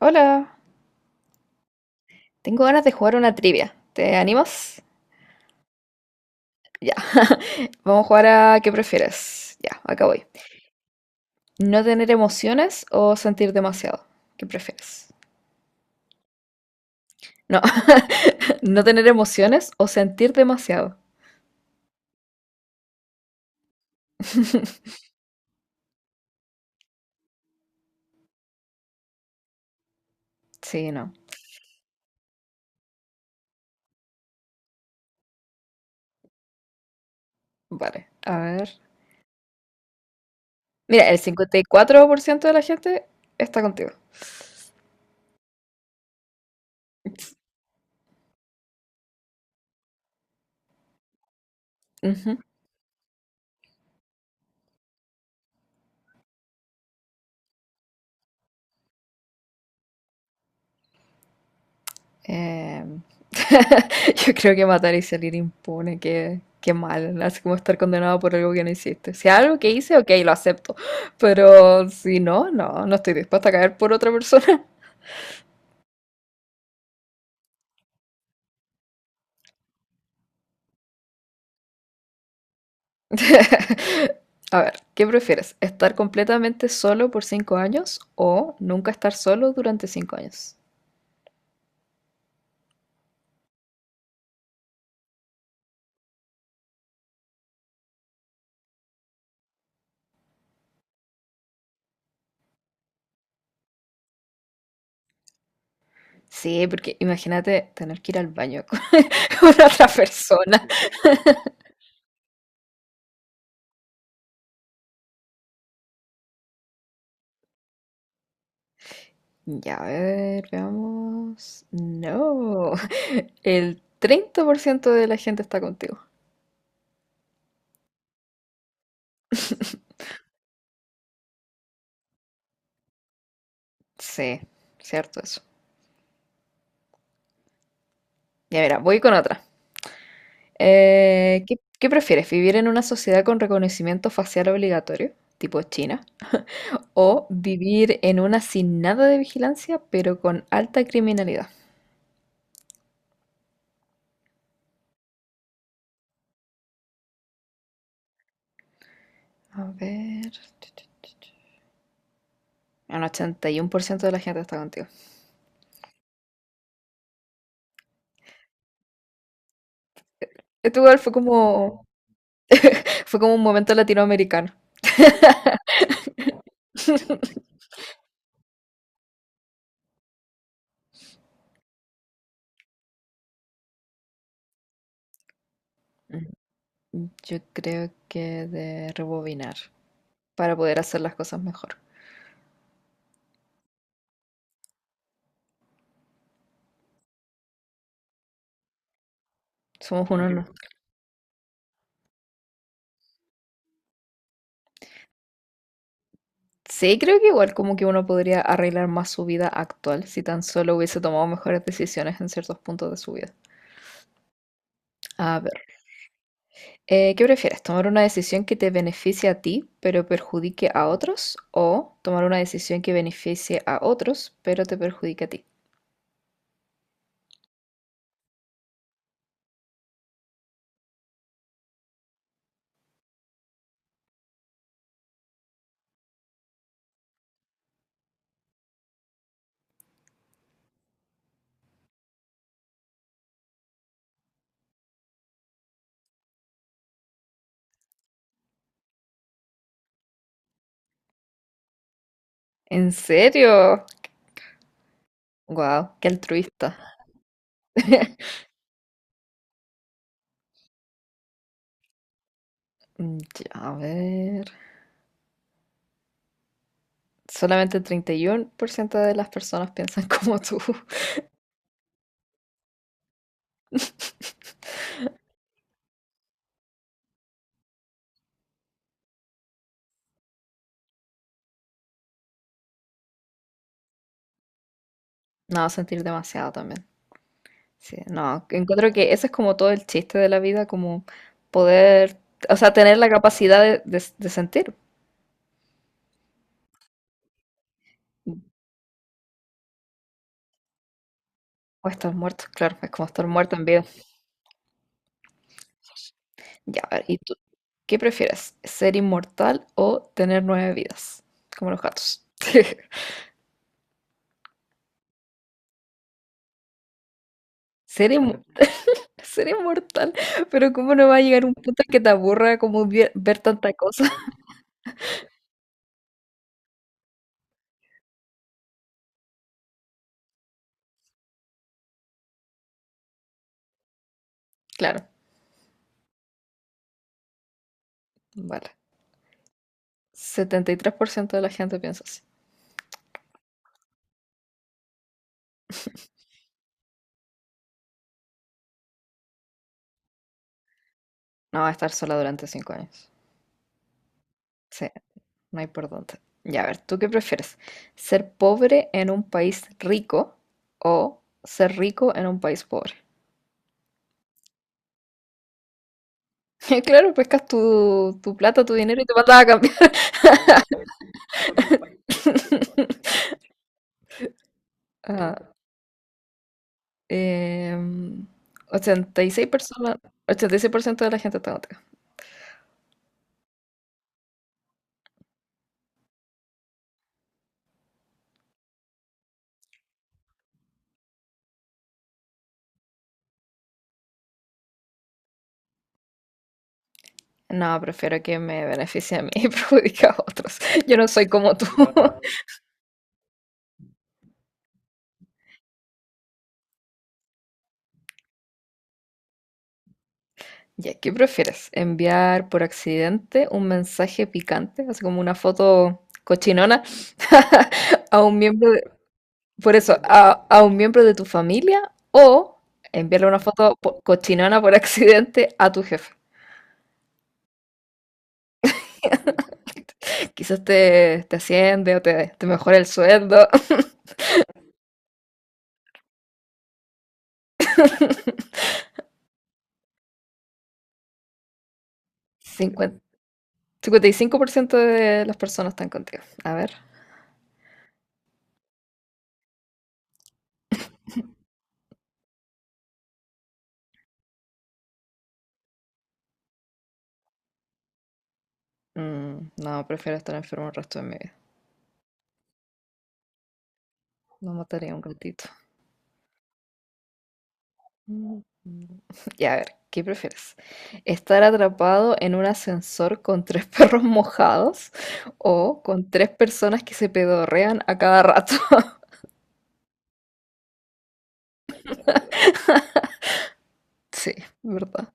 Hola, tengo ganas de jugar una trivia. ¿Te animas? Ya. Vamos a jugar a ¿qué prefieres? Ya, acá voy. ¿No tener emociones o sentir demasiado? ¿Qué prefieres? No, no tener emociones o sentir demasiado. Sí, no. Vale, a ver. Mira, el cincuenta y cuatro por ciento de la gente está contigo. Ujú. Eh, yo creo que matar y salir impune, qué mal, así como estar condenado por algo que no hiciste. Si algo que hice, ok, lo acepto, pero si no, no, no estoy dispuesta a caer por otra persona. A ver, ¿qué prefieres? ¿Estar completamente solo por cinco años o nunca estar solo durante cinco años? Sí, porque imagínate tener que ir al baño con una otra persona. Ya, a ver, veamos. No, el 30% de la gente está contigo. Sí, cierto eso. Ya, mira, voy con otra. Qué prefieres? ¿Vivir en una sociedad con reconocimiento facial obligatorio, tipo China? ¿O vivir en una sin nada de vigilancia, pero con alta criminalidad? A ver. Un 81% de la gente está contigo. Esto igual fue como un momento latinoamericano. Yo creo que de rebobinar para poder hacer las cosas mejor. Somos uno, no. Sí, creo que igual como que uno podría arreglar más su vida actual si tan solo hubiese tomado mejores decisiones en ciertos puntos de su vida. A ver, ¿qué prefieres? ¿Tomar una decisión que te beneficie a ti pero perjudique a otros? ¿O tomar una decisión que beneficie a otros pero te perjudique a ti? ¿En serio? ¡Wow! ¡Qué altruista! Mm, ya, a ver, solamente el 31% de las personas piensan como tú. No, sentir demasiado también. Sí, no, encuentro que ese es como todo el chiste de la vida, como poder, o sea, tener la capacidad de, de sentir. O estar muerto, claro, es como estar muerto en vida. Ya, a ver, ¿y tú qué prefieres? ¿Ser inmortal o tener nueve vidas? Como los gatos. Ser, inmo- ser inmortal, pero ¿cómo no va a llegar un punto en que te aburra como ver tanta cosa? Claro, vale, 73% de la gente piensa así. No va a estar sola durante 5 años. Sí, no hay por dónde. Ya, a ver, ¿tú qué prefieres? ¿Ser pobre en un país rico o ser rico en un país pobre? Claro, pescas tu plata, tu dinero y te mandas a cambiar. Ah, em, 86 personas, 86% de la gente está contigo. No, prefiero que me beneficie a mí y perjudique a otros. Yo no soy como tú. Ya, ¿qué prefieres? ¿Enviar por accidente un mensaje picante, así como una foto cochinona, a un miembro de, por eso, a un miembro de tu familia o enviarle una foto cochinona por accidente a tu jefe? Quizás te asciende o te mejora el sueldo. Cincuenta, cincuenta y cinco por ciento de las personas están contigo. A ver. Mm, no, prefiero estar enfermo el resto de mi vida. No mataría a un gatito. Mm, mm. Y a ver, ¿qué prefieres? ¿Estar atrapado en un ascensor con tres perros mojados o con tres personas que se pedorrean a cada rato? Sí, ¿verdad?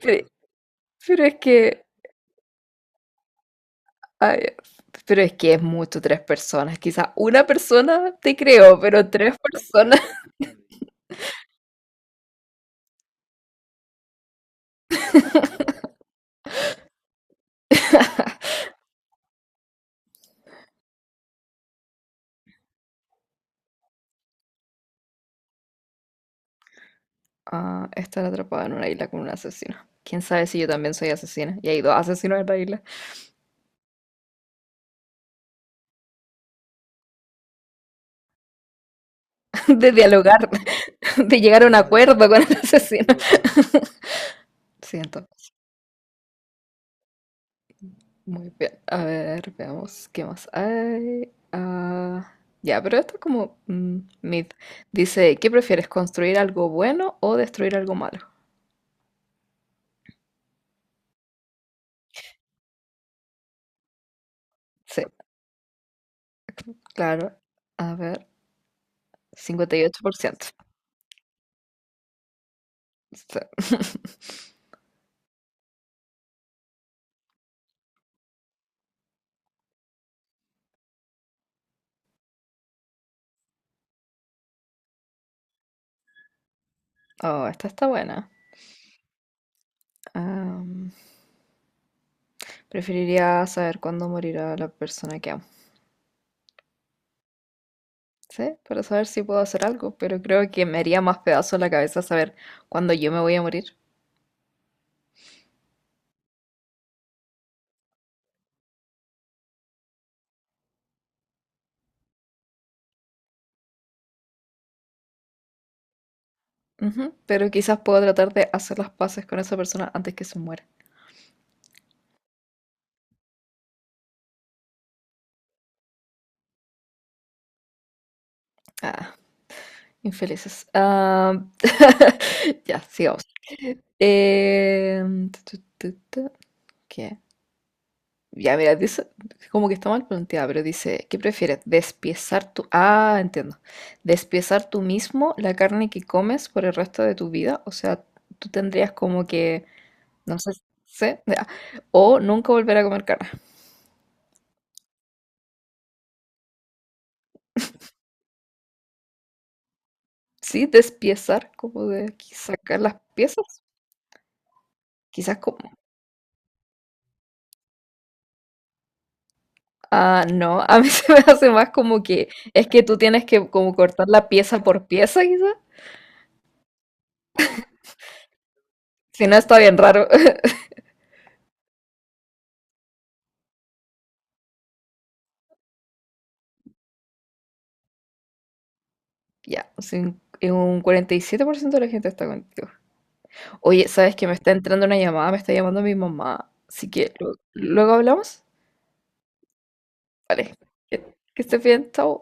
Pero, pero es que, ay, pero es que es mucho tres personas. Quizá una persona te creo, pero tres personas. Ah, estar atrapado en una isla con un asesino. ¿Quién sabe si yo también soy asesina? Y hay dos asesinos en la isla. De dialogar, de llegar a un acuerdo con el asesino. Siento. Muy bien. A ver, veamos qué más hay. Ah, ya, pero esto es como mm, mid. Dice, ¿qué prefieres, construir algo bueno o destruir algo malo? Sí, claro. A ver, 58%. Sí. Oh, esta está buena. Am, preferiría saber cuándo morirá la persona que amo. Sí, para saber si puedo hacer algo, pero creo que me haría más pedazo la cabeza saber cuándo yo me voy a morir. Ujú, pero quizás puedo tratar de hacer las paces con esa persona antes que se muera. Ah, infelices. Ah, ya, sigamos. Eh, tu, tu, tu, tu, ¿Qué? Ya, mira, dice, como que está mal planteada, pero dice, ¿qué prefieres? ¿Despiezar tu... Ah, entiendo. ¿Despiezar tú mismo la carne que comes por el resto de tu vida? O sea, tú tendrías como que, no sé, sé, ya, o nunca volver a comer carne. Sí, despiezar, como de sacar las piezas. Quizás, co- Ah, no, a mí se me hace más como que es que tú tienes que como cortar la pieza por pieza, quizá. Si no, está bien raro. Ya, un 47% de la gente está contigo. Oye, ¿sabes que me está entrando una llamada? Me está llamando mi mamá. Así que luego hablamos. Vale, que estés bien, chao.